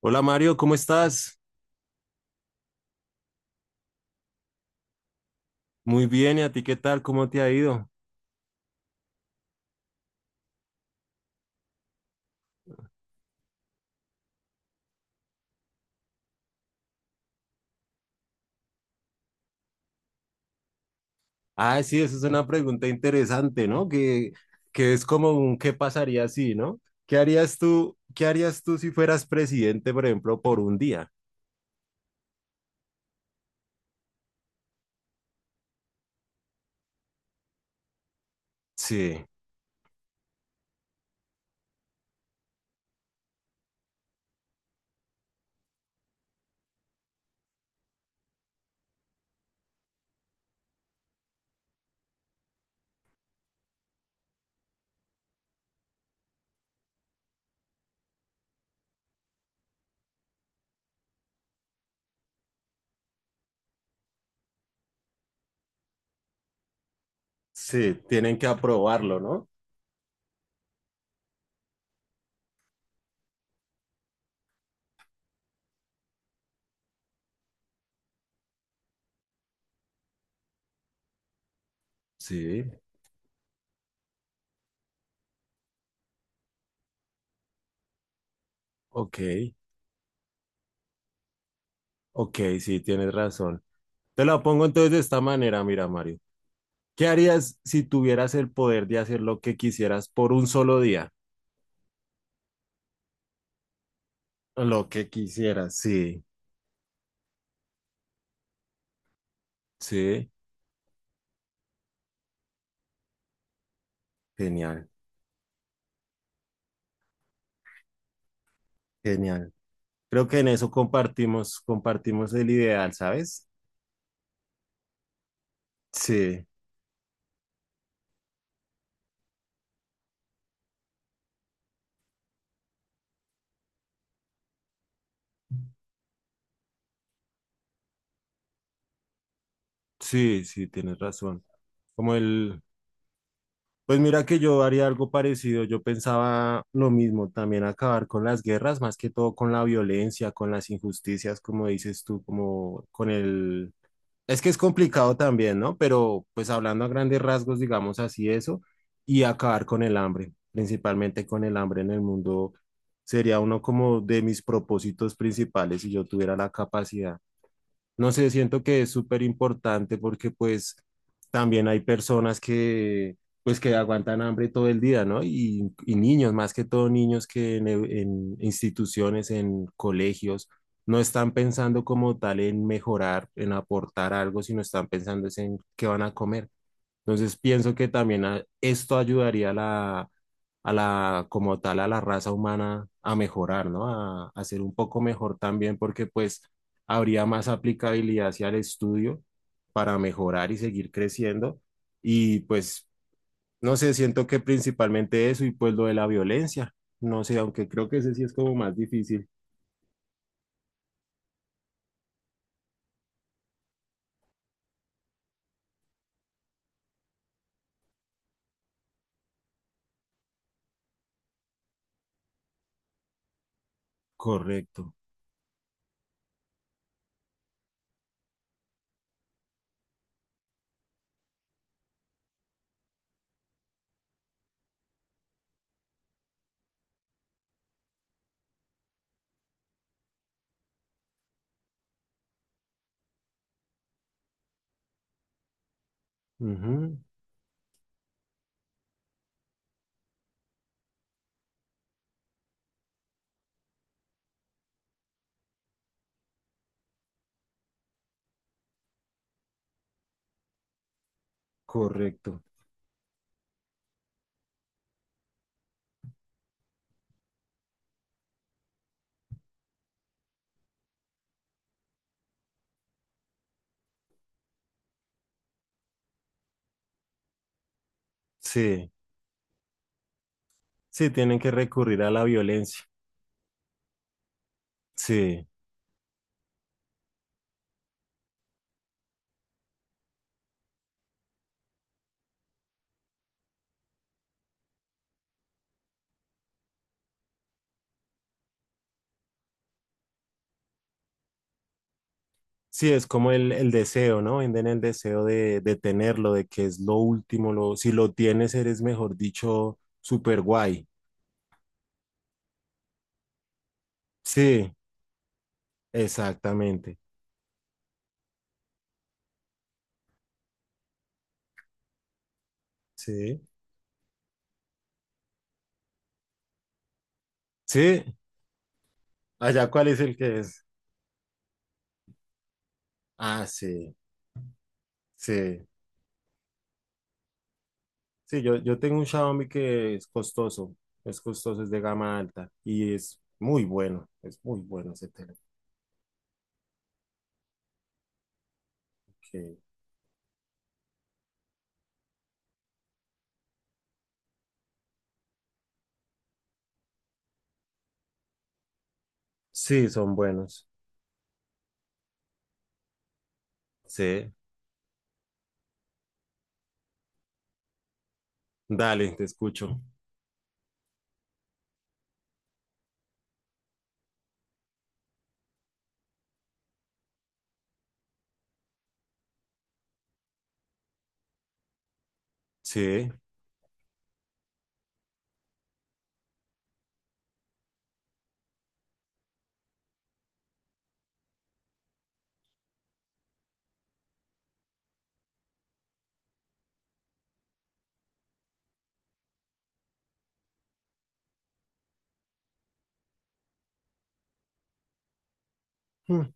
Hola Mario, ¿cómo estás? Muy bien, ¿y a ti qué tal? ¿Cómo te ha ido? Ah, sí, esa es una pregunta interesante, ¿no? Que es como un ¿qué pasaría si, no? Qué harías tú si fueras presidente, por ejemplo, por un día? Sí, sí, tienen que aprobarlo, ¿no? Sí, ok, ok, sí, tienes razón. Te la pongo entonces de esta manera, mira Mario. ¿Qué harías si tuvieras el poder de hacer lo que quisieras por un solo día? Lo que quisieras, sí, sí. Genial, genial. Creo que en eso compartimos, compartimos el ideal, ¿sabes? Sí, sí, sí, tienes razón. Como el, pues mira que yo haría algo parecido, yo pensaba lo mismo, también acabar con las guerras, más que todo con la violencia, con las injusticias, como dices tú, como con el, es que es complicado también, ¿no? Pero pues hablando a grandes rasgos, digamos así eso, y acabar con el hambre, principalmente con el hambre en el mundo, sería uno como de mis propósitos principales si yo tuviera la capacidad. No sé, siento que es súper importante porque pues también hay personas que pues que aguantan hambre todo el día, ¿no? Y niños, más que todo niños que en instituciones, en colegios, no están pensando como tal en mejorar, en aportar algo, sino están pensando es en qué van a comer. Entonces pienso que también esto ayudaría a la, como tal, a la raza humana a mejorar, ¿no? A ser un poco mejor también porque pues habría más aplicabilidad hacia el estudio para mejorar y seguir creciendo. Y pues, no sé, siento que principalmente eso y pues lo de la violencia, no sé, aunque creo que ese sí es como más difícil. Correcto. Ujú. Correcto. Sí, sí, tienen que recurrir a la violencia. Sí. Sí, es como el deseo, ¿no? Venden el deseo de tenerlo, de que es lo último, lo, si lo tienes eres, mejor dicho, super guay. Sí, exactamente. Sí, sí. Allá, ¿cuál es el que es? Ah, sí, sí. Sí, yo tengo un Xiaomi que es costoso, es costoso, es de gama alta y es muy bueno ese teléfono. que- Sí, son buenos. Sí. Dale, te escucho. Sí. Mm.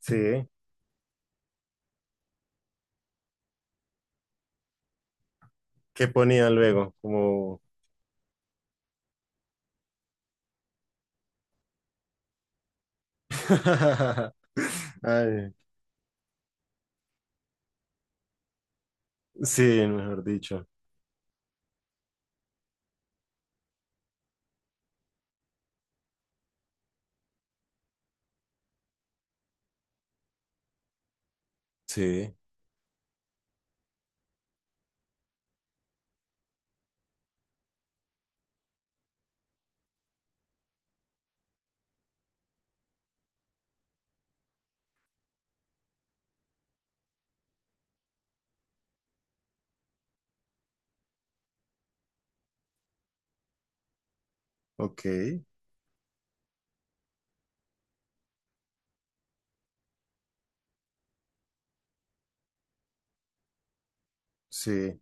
Sí. ¿Qué ponía luego? Como... Ay, sí, mejor dicho. Sí, ok, sí.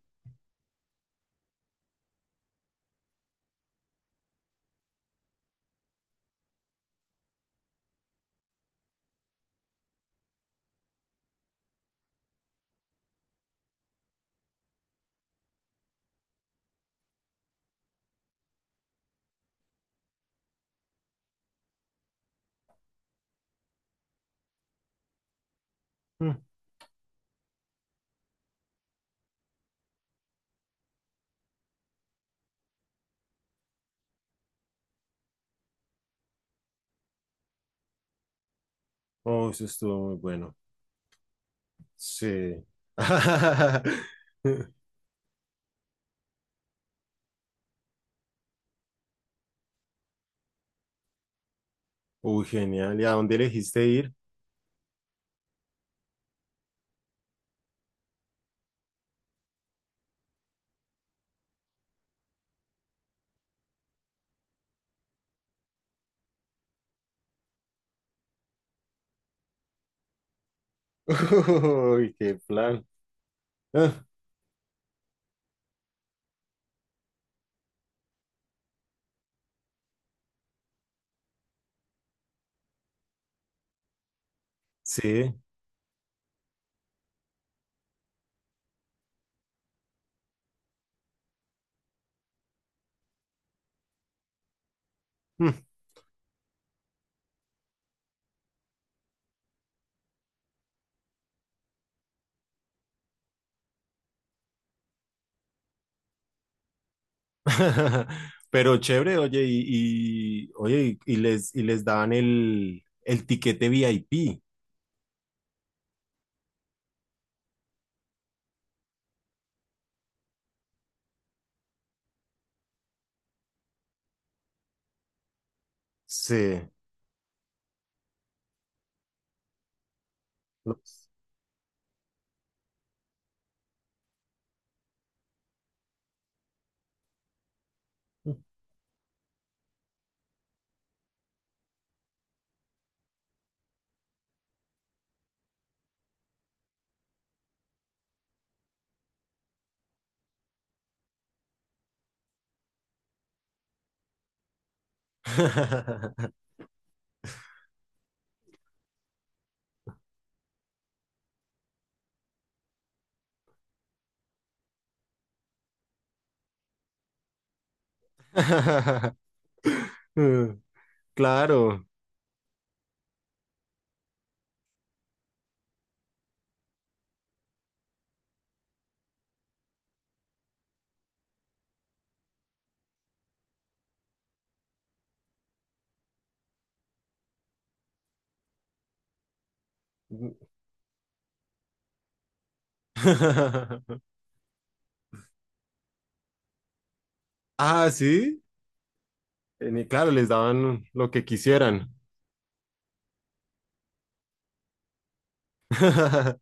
Mm. Oh, eso estuvo muy bueno. Sí. Uy, genial. ¿Y a dónde elegiste ir? Uy, qué plan. Ah, sí. Mm. Pero chévere, oye, oye, y les y les daban el tiquete VIP. Sí. Los- Mm. Claro. Ah, sí. En- y claro, les daban lo que quisieran.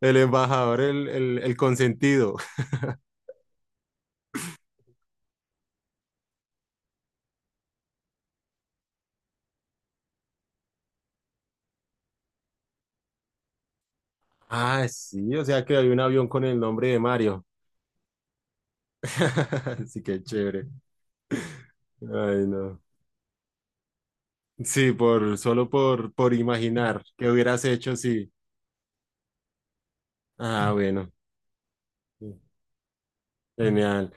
El embajador, el consentido. Ah, sí, o sea que hay un avión con el nombre de Mario. Sí, qué chévere. Ay, no. Sí, por, solo por imaginar qué hubieras hecho, sí. Ah, bueno. Genial.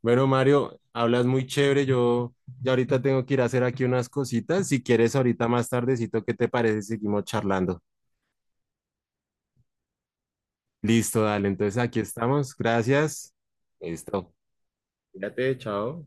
Bueno, Mario, hablas muy chévere. Yo ya ahorita tengo que ir a hacer aquí unas cositas. Si quieres, ahorita más tardecito, ¿qué te parece? Seguimos charlando. Listo, dale. Entonces aquí estamos. Gracias. Listo. Cuídate, chao.